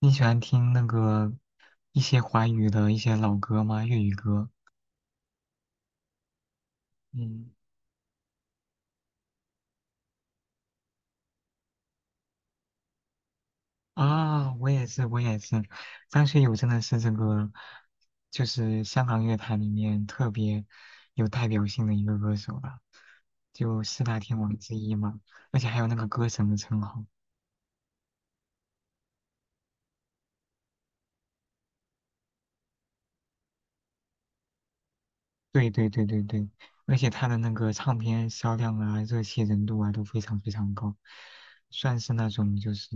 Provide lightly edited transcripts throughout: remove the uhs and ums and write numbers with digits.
你喜欢听一些华语的一些老歌吗？粤语歌？嗯，啊，我也是，我也是。张学友真的是就是香港乐坛里面特别有代表性的一个歌手吧，就四大天王之一嘛，而且还有那个歌神的称号。对对对对对，而且他的那个唱片销量啊、热气人度啊都非常非常高，算是那种就是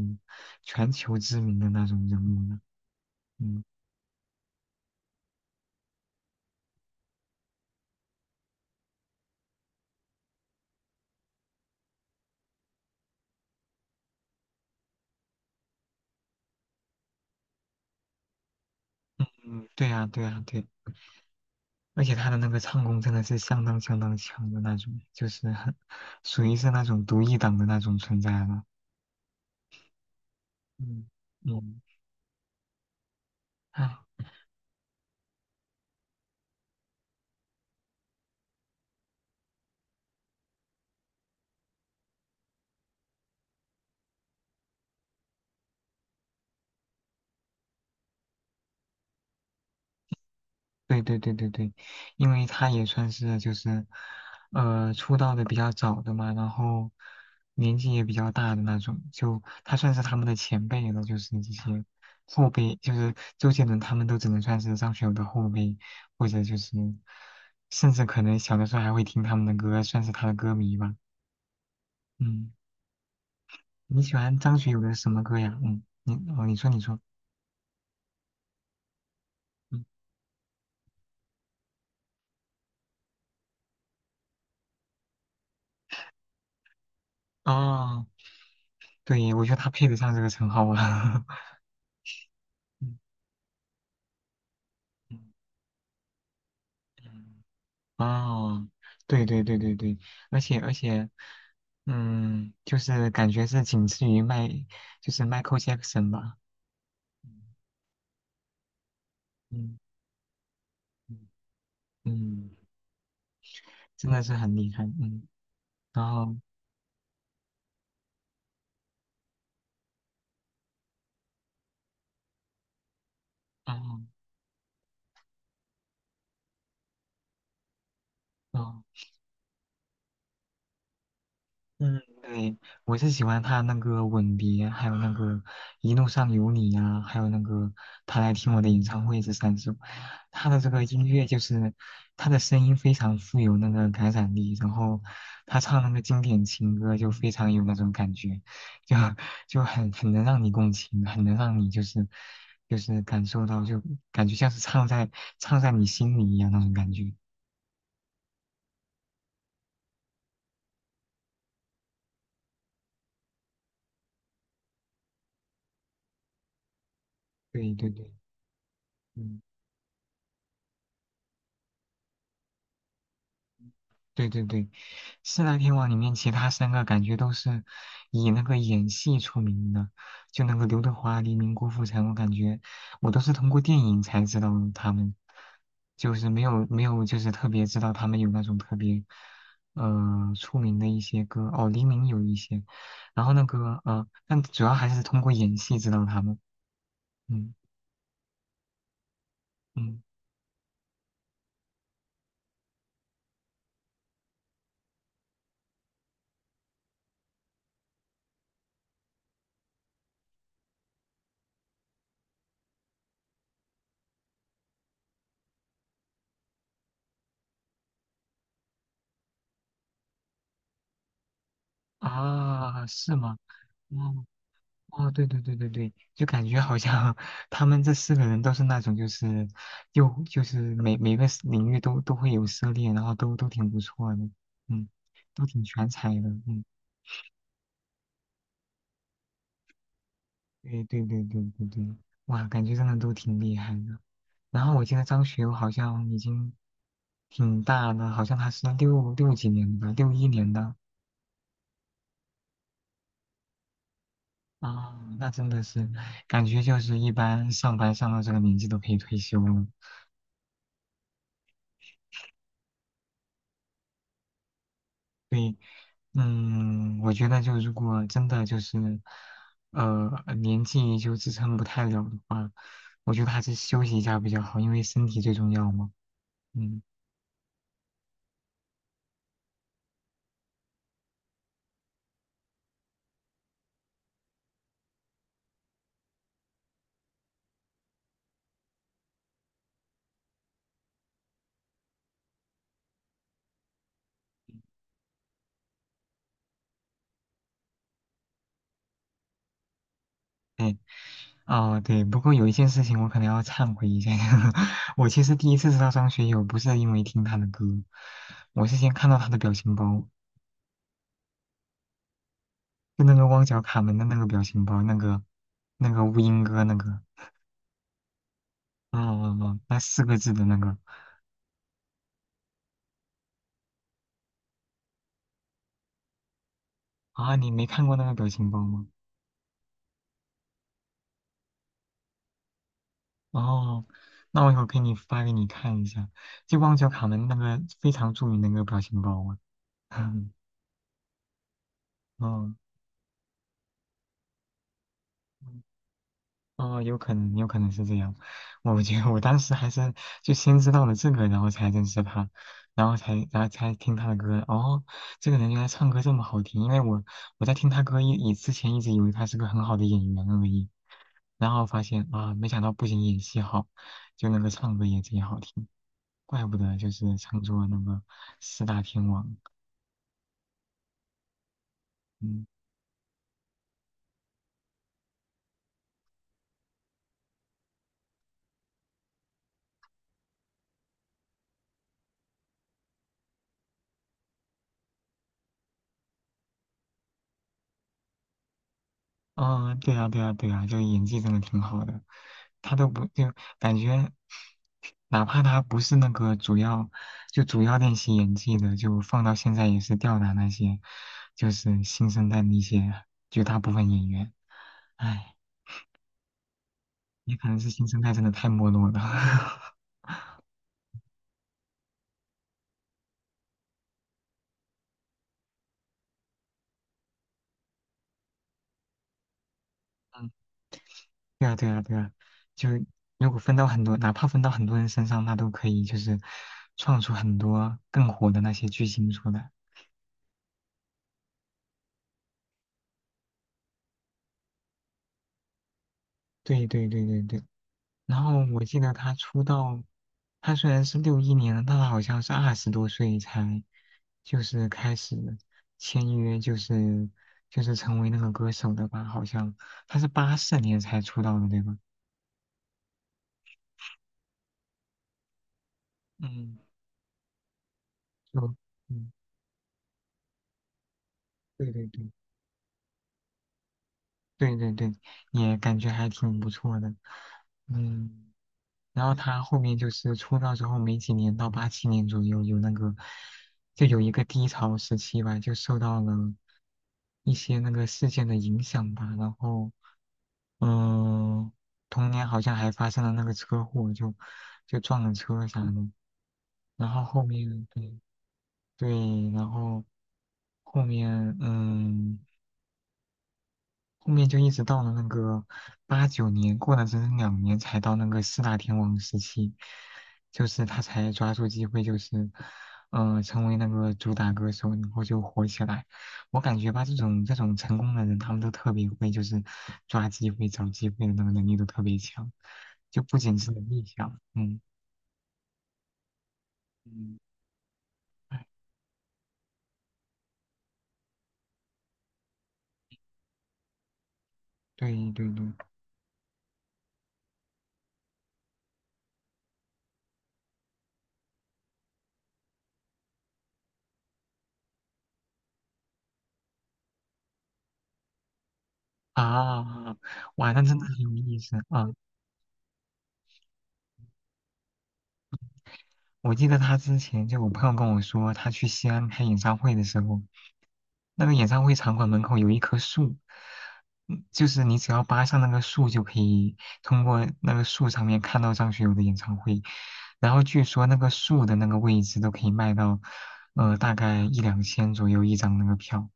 全球知名的那种人物了。嗯。嗯，对呀，对呀，对，而且他的那个唱功真的是相当相当强的那种，就是很属于是那种独一档的那种存在了。嗯，嗯，唉。对对对对对，因为他也算是就是，出道的比较早的嘛，然后年纪也比较大的那种，就他算是他们的前辈了，就是这些后辈，就是周杰伦他们都只能算是张学友的后辈，或者就是，甚至可能小的时候还会听他们的歌，算是他的歌迷吧。嗯，你喜欢张学友的什么歌呀？嗯，你说你说，嗯，哦，对，我觉得他配得上这个称号啊。嗯嗯嗯哦，对对对对对，而且而且，嗯，就是感觉是仅次于就是 Michael Jackson 吧，嗯嗯嗯，真的是很厉害，嗯，然后，哦哦。嗯嗯，对，我是喜欢他那个吻别，还有那个一路上有你呀、还有那个他来听我的演唱会这3首，他的这个音乐就是他的声音非常富有那个感染力，然后他唱那个经典情歌就非常有那种感觉，就就很能让你共情，很能让你就是感受到，就感觉像是唱在你心里一样那种感觉。对对对，嗯。对对对，四大天王里面其他三个感觉都是以那个演戏出名的，就那个刘德华、黎明、郭富城，我感觉我都是通过电影才知道他们，就是没有就是特别知道他们有那种特别出名的一些歌哦，黎明有一些，然后但主要还是通过演戏知道他们，嗯嗯啊，是吗？嗯。哦，对对对对对，就感觉好像 他们这4个人都是那种，就是又就是每个 领域都会有涉猎，然后都挺不错的，嗯，都挺全才的，嗯，对对对对对对，哇，感觉真的都挺厉害的。然后我记得张学友好像已经挺大的，好像他是六几年的，六一年的啊，那真的是感觉就是一般上班上到这个年纪都可以退休了。对，嗯，我觉得就如果真的就是，呃，年纪就支撑不太了的话，我觉得还是休息一下比较好，因为身体最重要嘛。嗯，哦，对，不过有一件事情我可能要忏悔一下，我其实第一次知道张学友不是因为听他的歌，我是先看到他的表情包，就那个汪角卡门的那个表情包，那个乌蝇哥那个，嗯嗯嗯，那4个字的那个啊，你没看过那个表情包吗？哦，那我一会儿给你发给你看一下，就旺角卡门那个非常著名的那个表情包啊。嗯，哦，哦，有可能，有可能是这样。我觉得我当时还是就先知道了这个，然后才认识他，然后才听他的歌。哦，这个人原来唱歌这么好听，因为我我在听他歌以之前一直以为他是个很好的演员而已，然后发现啊，没想到不仅演戏好，就那个唱歌也贼好听。怪不得就是唱作那个四大天王，嗯，哦，对啊，对啊，对啊，就演技真的挺好的，他都不就感觉，哪怕他不是那个主要，就主要练习演技的，就放到现在也是吊打那些，就是新生代那些绝大部分演员，唉，也可能是新生代真的太没落了，对啊，对啊，对啊，就如果分到很多，哪怕分到很多人身上，那都可以，就是创出很多更火的那些巨星出来。对对对对对。然后我记得他出道，他虽然是六一年的，但他好像是20多岁才就是开始签约，就是成为那个歌手的吧？好像他是84年才出道的，对吧？嗯，就嗯，对对对。对对对，也感觉还挺不错的，嗯，然后他后面就是出道之后没几年，到87年左右有那个，就有一个低潮时期吧，就受到了一些那个事件的影响吧，然后嗯，同年好像还发生了那个车祸，就撞了车啥的，然后后面对对，然后后面嗯。后面就一直到了那个89年，过了整整2年才到那个四大天王时期，就是他才抓住机会，就是成为那个主打歌手，然后就火起来。我感觉吧，这种成功的人，他们都特别会，就是抓机会、找机会的那个能力都特别强，就不仅是能力强，嗯。嗯，对对对，啊，哇，那真的很有意思啊！我记得他之前就我朋友跟我说，他去西安开演唱会的时候，那个演唱会场馆门口有一棵树，嗯就是你只要扒上那个树，就可以通过那个树上面看到张学友的演唱会。然后据说那个树的那个位置都可以卖到，大概一两千左右一张那个票，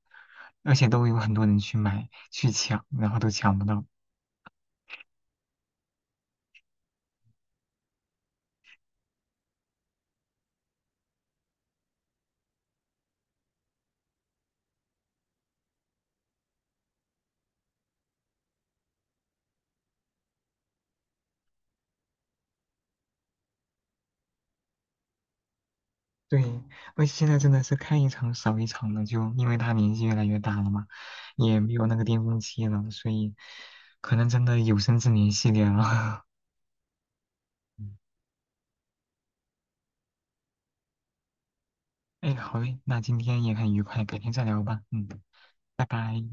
而且都有很多人去买去抢，然后都抢不到。对，而且现在真的是看一场少一场了，就因为他年纪越来越大了嘛，也没有那个巅峰期了，所以可能真的有生之年系列了。哎，好嘞，那今天也很愉快，改天再聊吧。嗯，拜拜。